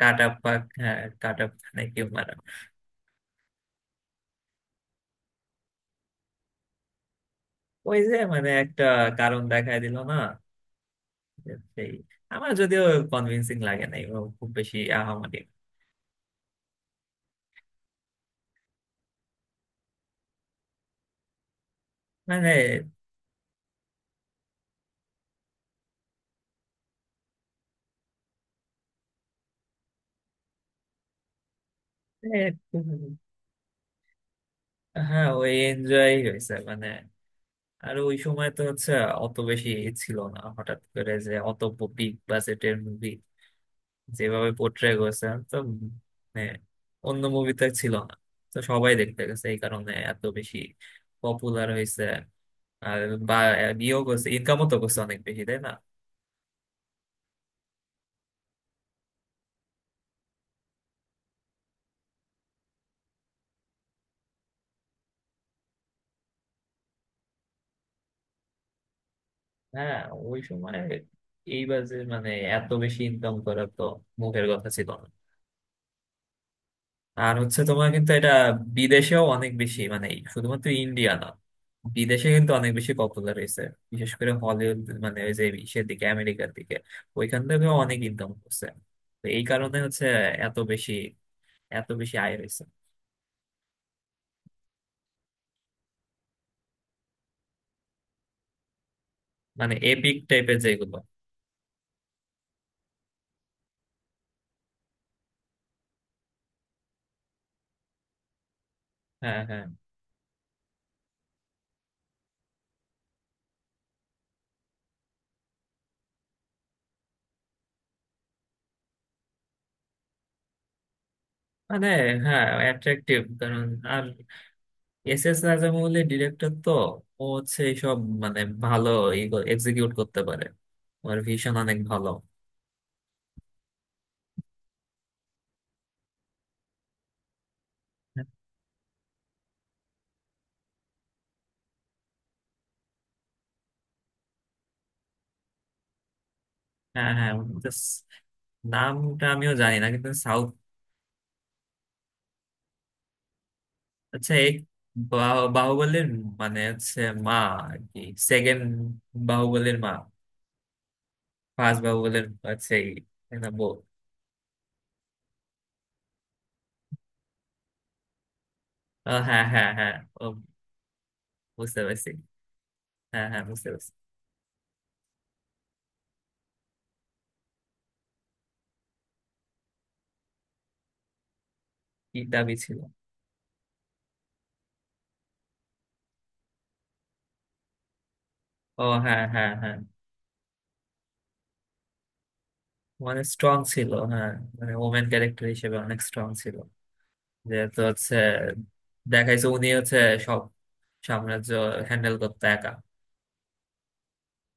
কাট up পাক, হ্যাঁ, cut up নাকি মারা। ওই যে মানে একটা কারণ দেখায় দিল না যে সেই, আমার যদিও কনভিন্সিং লাগে নাই ও খুব বেশি আহামরি মানে। এ, খুব- হ্যাঁ ওই এনজয় হয়েছে মানে। আর ওই সময় তো হচ্ছে অত বেশি ছিল না, হঠাৎ করে যে অত বিগ বাজেটের মুভি যেভাবে পোর্ট্রে করেছে, তো মানে অন্য মুভিতে ছিল না, তো সবাই দেখতে গেছে এই কারণে এত বেশি পপুলার হয়েছে। আর বা ইয়েও করছে, ইনকামও তো করছে অনেক বেশি, তাই না? হ্যাঁ, ওই সময় এইবার যে মানে এত বেশি ইনকাম করা তো মুখের কথা ছিল না। আর হচ্ছে তোমার কিন্তু এটা বিদেশেও অনেক বেশি, মানে এই শুধুমাত্র ইন্ডিয়া না, বিদেশে কিন্তু অনেক বেশি পপুলার হয়েছে, বিশেষ করে হলিউড। মানে ওই যে ইসের দিকে, আমেরিকার দিকে, ওইখান থেকেও অনেক ইনকাম করছে। তো এই কারণে হচ্ছে এত বেশি, এত বেশি আয় হয়েছে। মানে এপিক টাইপের যেগুলো। হ্যাঁ হ্যাঁ। মানে হ্যাঁ, অ্যাট্রাকটিভ কারণ, আর এস এস রাজামৌলি ডিরেক্টর তো, ও হচ্ছে এইসব মানে ভালো এক্সিকিউট করতে পারে, ওর ভিশন অনেক ভালো। হ্যাঁ হ্যাঁ। ওটা স- নামটা আমিও জানি না, কিন্তু সাউথ। আচ্ছা, এই বাহুবলীর মানে হচ্ছে মা আর কি, সেকেন্ড বাহুবলীর মা। ফার্স্ট বাহুবলীর হচ্ছে এই, তাই না, বউ? ও, হ্যাঁ হ্যাঁ হ্যাঁ, ও, বুঝতে পারছি। হ্যাঁ হ্যাঁ, বুঝতে পারছি। কি দাবি ছিল? ও হ্যাঁ হ্যাঁ হ্যাঁ। মানে স্ট্রং ছিল, হ্যাঁ। মানে ওমেন ক্যারেক্টার হিসেবে অনেক স্ট্রং ছিল, যেহেতু হচ্ছে দেখাইছে উনি হচ্ছে সব সাম্রাজ্য হ্যান্ডেল করতে একা,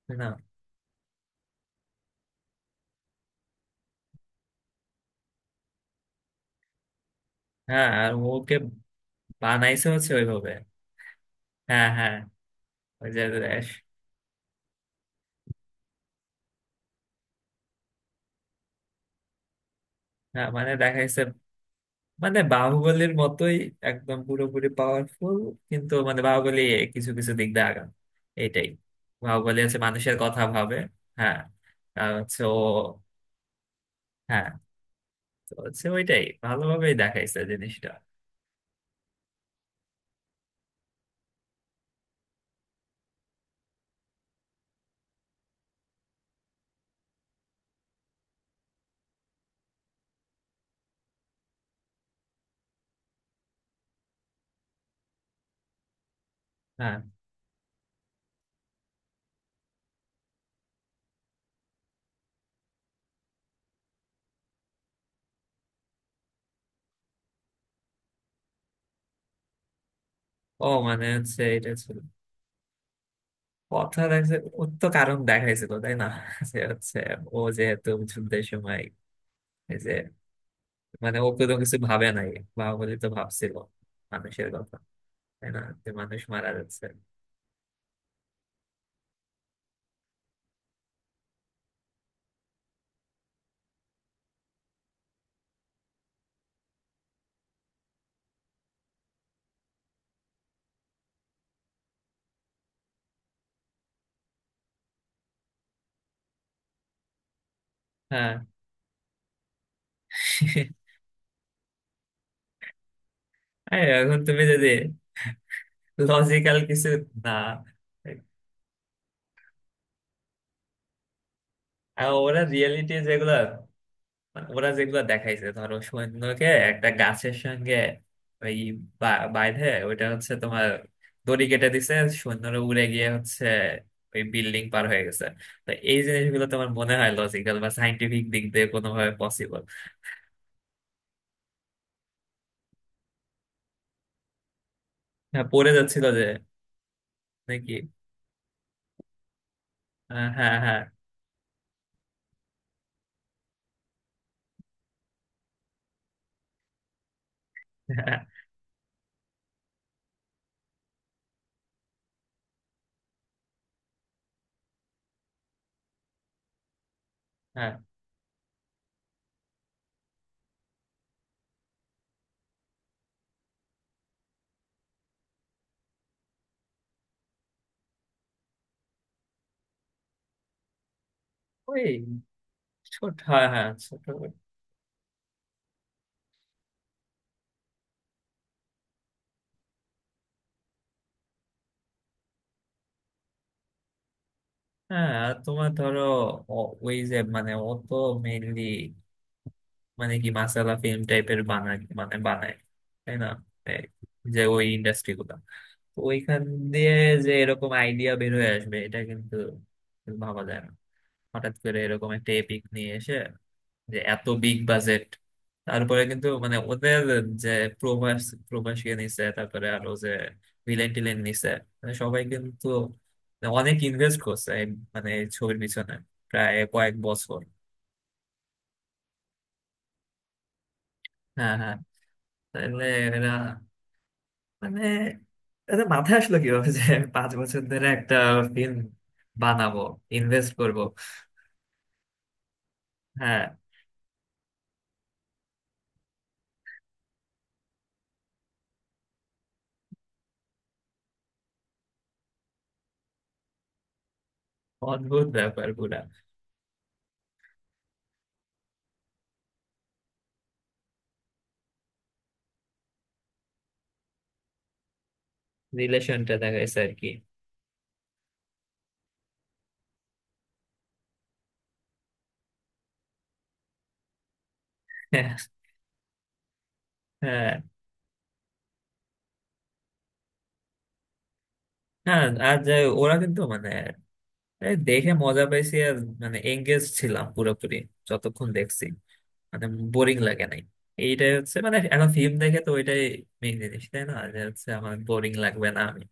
তাই না? হ্যাঁ, আর ওকে বানাইছে হচ্ছে ওইভাবে। হ্যাঁ হ্যাঁ, ওই যে রেশ। হ্যাঁ মানে দেখাইছে মানে বাহুবলীর মতোই একদম পুরোপুরি পাওয়ারফুল, কিন্তু মানে বাহুবলী কিছু কিছু দিক দিয়ে আগাম, এইটাই। বাহুবলী হচ্ছে মানুষের কথা ভাবে। হ্যাঁ, আর হচ্ছে ও। হ্যাঁ, তো হচ্ছে ওইটাই ভালোভাবেই দেখাইছে জিনিসটা। হ্যাঁ, ও মানে হচ্ছে এটা ছিল কথা দেখছে, ওর তো কারণ দেখাইছিল তাই না যে হচ্ছে ও যেহেতু যুদ্ধের সময় এই যে মানে ও কোনো কিছু ভাবে নাই, বাহুবলী তো ভাবছিল মানুষের কথা, তাই না, যে মানুষ মারা যাচ্ছে। হ্যাঁ, আর এখন তুমি যদি লজিক্যাল কিছু, না। আর ওরা রিয়েলিটি যেগুলো, মানে ওরা যেগুলো দেখাইছে ধরো সৈন্যকে একটা গাছের সঙ্গে ওই বাইধে ওইটা হচ্ছে তোমার দড়ি কেটে দিছে, সৈন্যরা উড়ে গিয়ে হচ্ছে ওই বিল্ডিং পার হয়ে গেছে। তো এই জিনিসগুলো তোমার মনে হয় লজিক্যাল বা সাইন্টিফিক দিক দিয়ে কোনোভাবে পসিবল? হ্যাঁ পড়ে যাচ্ছিল যে নাকি? আহ, হ্যাঁ হ্যাঁ হ্যাঁ। হ্যাঁ। ওই ছোট, হ্যাঁ হ্যাঁ ছোট। হ্যাঁ, আর তোমার ধরো ও- ওই যে মানে ও তো মেইনলি মানে কি মাসালা ফিল্ম টাইপের বানায় তাই না এই যে ওই ইন্ডাস্ট্রি গুলা, তো ওইখান দিয়ে যে এরকম আইডিয়া বের হয়ে আসবে এটা কিন্তু ভাবা যায় না। হঠাৎ করে এরকম একটা এপিক নিয়ে এসে যে এত বিগ বাজেট, তারপরে কিন্তু মানে ওদের যে প্রভাস, প্রভাসকে নিছে, তারপরে আরো যে ভিলেন টিলেন নিছে, মানে সবাই কিন্তু অনেক ইনভেস্ট করছে এই মানে এই ছবির পিছনে প্রায় কয়েক বছর। হ্যাঁ হ্যাঁ, তাহলে এরা মানে এদের মাথায় আসলো কিভাবে যে আমি 5 বছর ধরে একটা ফিল্ম বানাবো, ইনভেস্ট করব। হ্যাঁ, অদ্ভুত ব্যাপার পুরা। রিলেশনটা দেখা গেছে আর কি। হ্যাঁ হ্যাঁ হ্যাঁ, আর যে ওরা কিন্তু মানে এই দেখে মজা পাইছি, আর মানে এঙ্গেজ ছিলাম পুরোপুরি যতক্ষণ দেখছি, মানে বোরিং লাগে নাই। এইটাই হচ্ছে মানে এখন ফিল্ম দেখে তো ওইটাই মেইন জিনিস, তাই না, যে হচ্ছে আমার বোরিং লাগবে না আমি।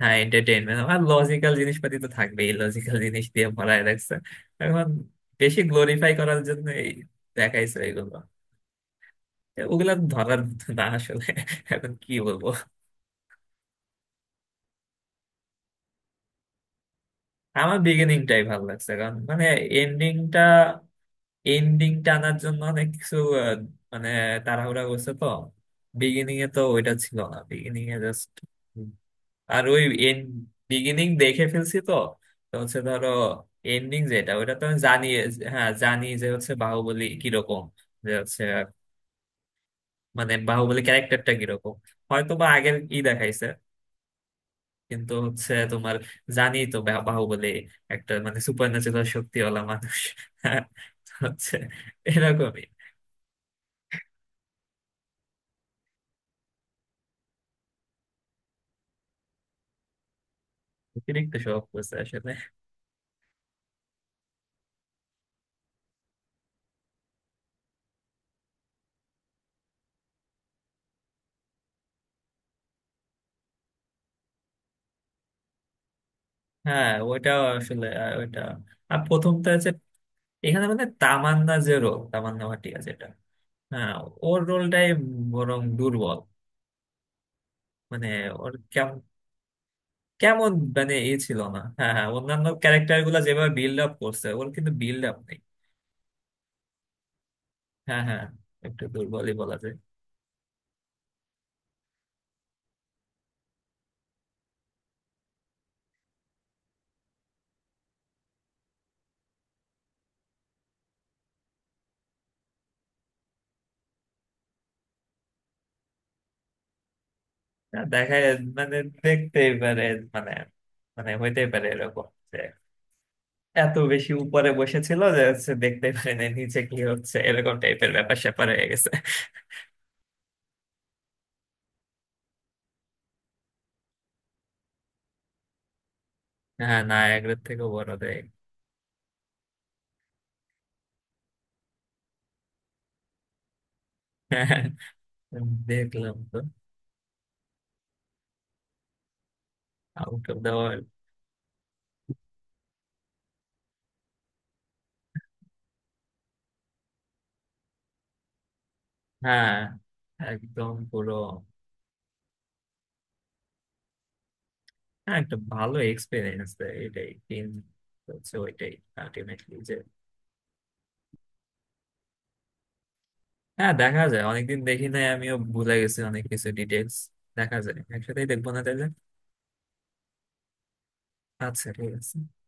হ্যাঁ এন্টারটেইনমেন্ট, আমার লজিক্যাল জিনিসপাতি তো থাকবেই, লজিক্যাল জিনিস দিয়ে ভরায় রাখছে এখন, বেশি গ্লোরিফাই করার জন্য এই দেখাইছে এগুলো, ওগুলা ধরার না আসলে এখন কি বলবো। আমার বিগিনিংটাই ভালো লাগছে, কারণ মানে এন্ডিংটা, এন্ডিং টানার জন্য অনেক কিছু আহ, মানে তাড়াহুড়া করছে তো। বিগিনিং এ তো ওইটা ছিল না, বিগিনিং এ জাস্ট আর ওই এন্ড, বিগিনিং দেখে ফেলছি তো, তো হচ্ছে ধরো এন্ডিং যেটা ওইটা তো আমি জানি। হ্যাঁ জানি যে হচ্ছে বাহুবলী কিরকম, যে হচ্ছে মানে বাহুবলী ক্যারেক্টারটা কিরকম হয়তো বা আগের ই দেখাইছে, কিন্তু হচ্ছে তোমার জানি তো বাহুবলী একটা মানে সুপার ন্যাচুরাল শক্তিওয়ালা মানুষ। হ্যাঁ, তো হচ্ছে এরকমই। অতিরিক্ত শখ করছে আসলে। হ্যাঁ ওইটাও আসলে আহ, ওইটা। আর প্রথমটা হচ্ছে এখানে মানে তামান্না যে রোল, তামান্না ভাটিয়া যেটা। হ্যাঁ, ওর রোলটাই বরং দুর্বল, মানে ওর কেমন, কেমন মানে এ ছিল না। হ্যাঁ হ্যাঁ, অন্যান্য ক্যারেক্টার গুলা যেভাবে বিল্ড আপ করছে ওর কিন্তু বিল্ড আপ নেই। হ্যাঁ হ্যাঁ, একটু দুর্বলই বলা যায়। দেখা মানে দেখতেই পারে, মানে মানে হইতেই পারে এরকম, এত বেশি উপরে বসেছিল যে হচ্ছে দেখতে পারে না নিচে কি হচ্ছে, এরকম টাইপের ব্যাপার স্যাপার হয়ে গেছে। হ্যাঁ, নায়াগ্রার থেকেও বড় দেখ। হ্যাঁ, দেখলাম তো। Out of the world. হ্যাঁ, একদম পুরো। হ্যাঁ একটা ভালো এক্সপিরিয়েন্স, এটাই তিন, হচ্ছে ওইটাই আলটিমেটলি যে। হ্যাঁ দেখা যায়, অনেকদিন দেখি নাই, আমিও ভুলে গেছি অনেক কিছু ডিটেলস। দেখা যায় একসাথেই দেখবো না তাহলে। আচ্ছা ঠিক আছে।